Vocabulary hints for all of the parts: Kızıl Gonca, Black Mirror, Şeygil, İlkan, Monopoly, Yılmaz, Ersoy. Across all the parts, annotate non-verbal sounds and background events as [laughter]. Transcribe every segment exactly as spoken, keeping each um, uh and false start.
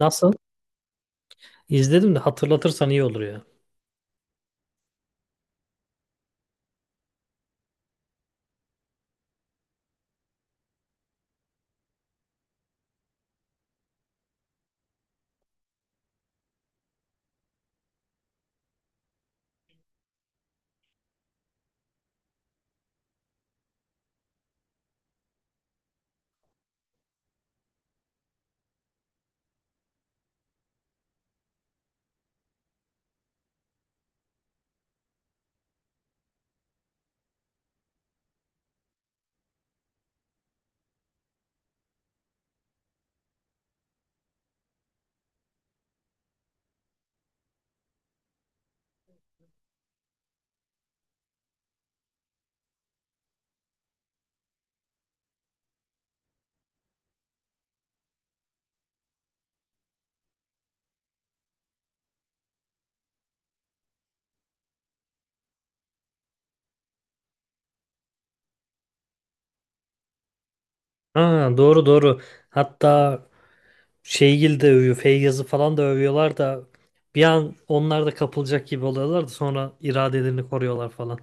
Nasıl? İzledim de hatırlatırsan iyi olur ya. Ha, doğru doğru. Hatta Şeygil de övüyor, Feyyaz'ı falan da övüyorlar da bir an onlar da kapılacak gibi oluyorlar da sonra iradelerini koruyorlar falan.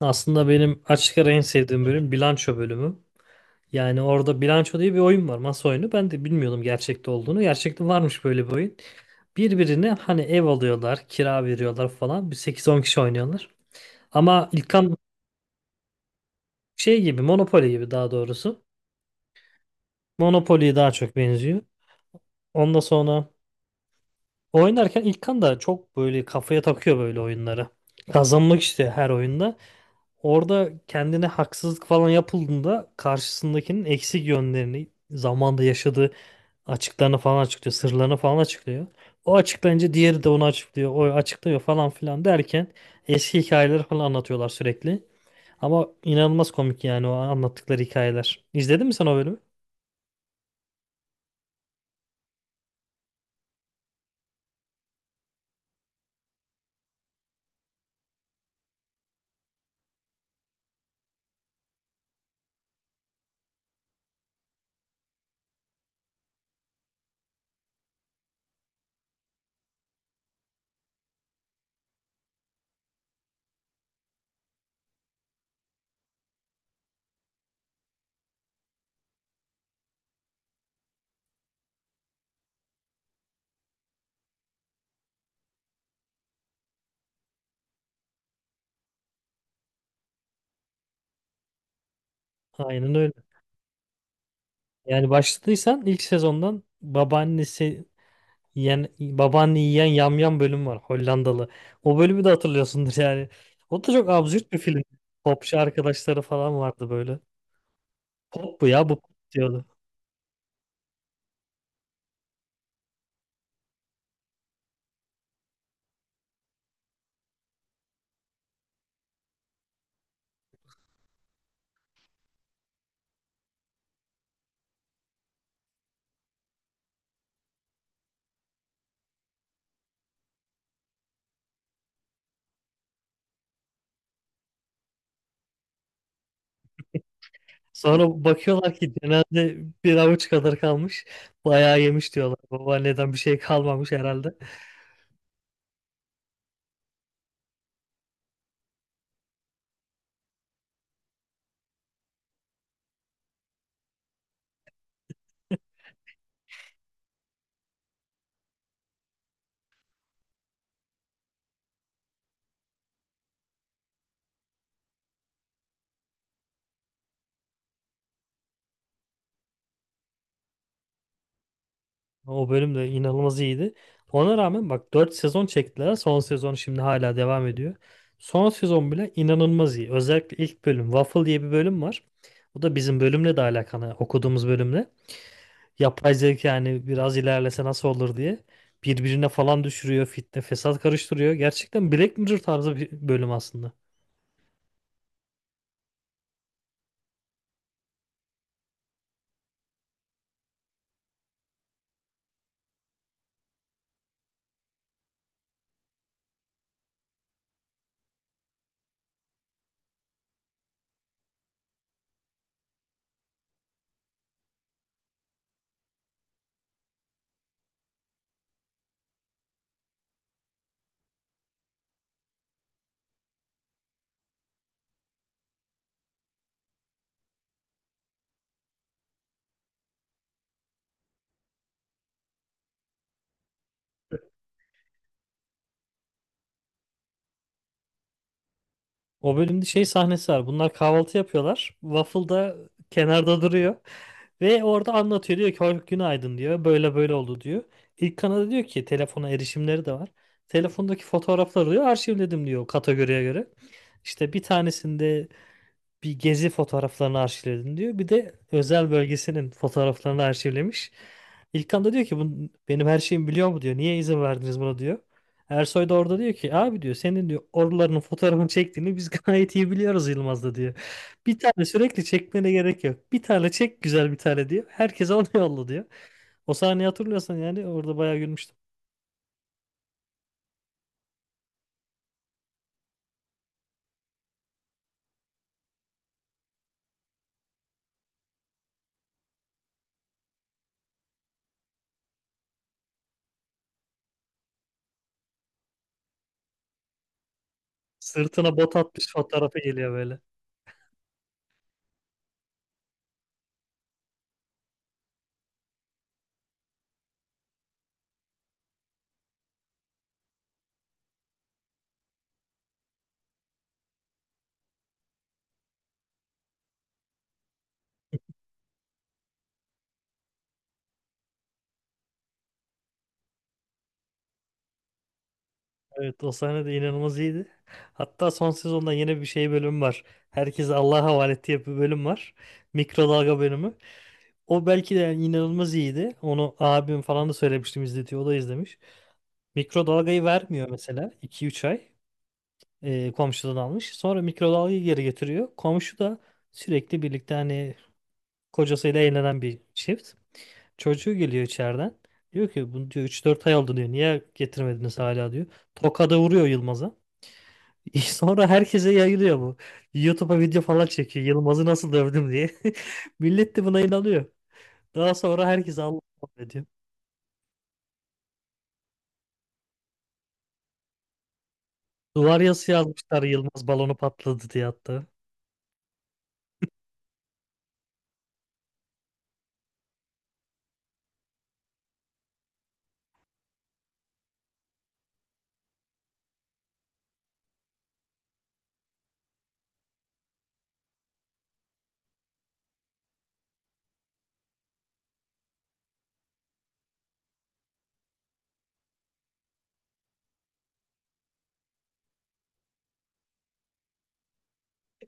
Aslında benim açık ara en sevdiğim bölüm bilanço bölümü. Yani orada bilanço diye bir oyun var, masa oyunu. Ben de bilmiyordum gerçekte olduğunu. Gerçekte varmış böyle bir oyun. Birbirine hani ev alıyorlar, kira veriyorlar falan. Bir sekiz on kişi oynuyorlar. Ama İlkan şey gibi, Monopoly gibi daha doğrusu. Monopoly'ye daha çok benziyor. Ondan sonra oynarken İlkan da çok böyle kafaya takıyor böyle oyunları. Kazanmak istiyor her oyunda. Orada kendine haksızlık falan yapıldığında karşısındakinin eksik yönlerini, zamanda yaşadığı açıklarını falan açıklıyor, sırlarını falan açıklıyor. O açıklayınca diğeri de onu açıklıyor, o açıklıyor falan filan derken eski hikayeleri falan anlatıyorlar sürekli. Ama inanılmaz komik yani o anlattıkları hikayeler. İzledin mi sen o bölümü? Aynen öyle. Yani başladıysan ilk sezondan babaannesi yiyen, babaanne yiyen yamyam bölüm var, Hollandalı. O bölümü de hatırlıyorsundur yani. O da çok absürt bir film. Popçu arkadaşları falan vardı böyle. Pop bu ya, bu pop diyordu. Sonra bakıyorlar ki genelde bir avuç kadar kalmış. Bayağı yemiş diyorlar. Babaanneden bir şey kalmamış herhalde. O bölüm de inanılmaz iyiydi. Ona rağmen bak, dört sezon çektiler. Son sezon şimdi hala devam ediyor. Son sezon bile inanılmaz iyi. Özellikle ilk bölüm Waffle diye bir bölüm var. Bu da bizim bölümle de alakalı, okuduğumuz bölümle. Yapay zeka yani biraz ilerlese nasıl olur diye birbirine falan düşürüyor, fitne, fesat karıştırıyor. Gerçekten Black Mirror tarzı bir bölüm aslında. O bölümde şey sahnesi var. Bunlar kahvaltı yapıyorlar. Waffle da kenarda duruyor. Ve orada anlatıyor, diyor ki "Hoş- günaydın" diyor. "Böyle böyle oldu" diyor. İlk kanada diyor ki telefona erişimleri de var. Telefondaki fotoğrafları diyor arşivledim diyor kategoriye göre. İşte bir tanesinde bir gezi fotoğraflarını arşivledim diyor. Bir de özel bölgesinin fotoğraflarını arşivlemiş. İlkan da diyor ki "Bu benim her şeyimi biliyor mu" diyor. "Niye izin verdiniz buna" diyor. Ersoy da orada diyor ki "abi" diyor "senin" diyor "oralarının fotoğrafını çektiğini biz [laughs] gayet iyi biliyoruz", Yılmaz da diyor. "Bir tane sürekli çekmene gerek yok. Bir tane çek, güzel bir tane" diyor. "Herkese onu yolla" diyor. O sahneyi hatırlıyorsan yani, orada bayağı gülmüştüm. Sırtına bot atmış fotoğrafı geliyor böyle. Evet, o sahne de inanılmaz iyiydi. Hatta son sezonda yeni bir şey bölüm var. Herkese Allah'a havale ettiği bir bölüm var. Mikrodalga bölümü. O belki de yani inanılmaz iyiydi. Onu abim falan da söylemiştim, izletiyor. O da izlemiş. Mikrodalgayı vermiyor mesela, iki üç ay e, komşudan almış. Sonra mikrodalgayı geri getiriyor. Komşu da sürekli birlikte hani kocasıyla eğlenen bir çift. Çocuğu geliyor içeriden. Diyor ki "bunu" diyor "üç dört ay oldu" diyor. "Niye getirmediniz hala" diyor. Tokada vuruyor Yılmaz'a. [laughs] Sonra herkese yayılıyor bu. YouTube'a video falan çekiyor. Yılmaz'ı nasıl dövdüm diye. [laughs] Millet de buna inanıyor. Daha sonra herkes Allah affediyor. Duvar yazısı yazmışlar, Yılmaz balonu patladı diye hatta.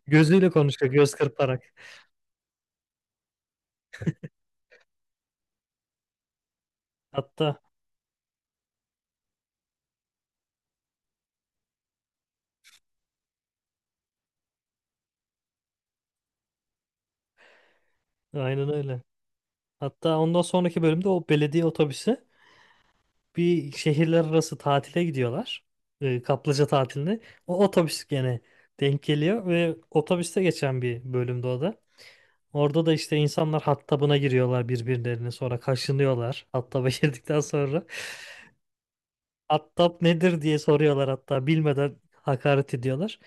Gözüyle konuşuyor, göz kırparak. Hatta aynen öyle. Hatta ondan sonraki bölümde o belediye otobüsü, bir şehirler arası tatile gidiyorlar. Ee, Kaplıca tatiline. O otobüs gene denk geliyor ve otobüste geçen bir bölümde o da. Orada da işte insanlar hattabına giriyorlar birbirlerine, sonra kaşınıyorlar. Hattaba [laughs] girdikten sonra hattab nedir diye soruyorlar, hatta bilmeden hakaret ediyorlar.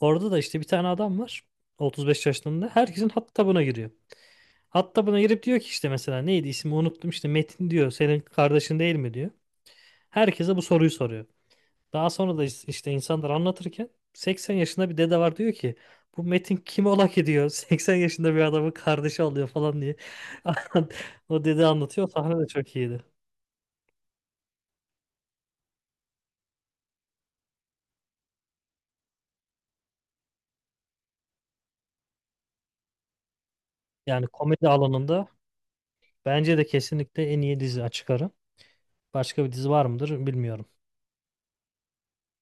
Orada da işte bir tane adam var, otuz beş yaşlarında, herkesin hattabına giriyor. Hattabına girip diyor ki işte, mesela neydi ismi unuttum, işte "Metin" diyor "senin kardeşin değil mi" diyor. Herkese bu soruyu soruyor. Daha sonra da işte insanlar anlatırken seksen yaşında bir dede var, diyor ki "bu Metin kim ola ki" diyor, [laughs] seksen yaşında bir adamı kardeşi alıyor falan diye. [laughs] O dede anlatıyor. O sahne de çok iyiydi. Yani komedi alanında bence de kesinlikle en iyi dizi, açık ara. Başka bir dizi var mıdır bilmiyorum.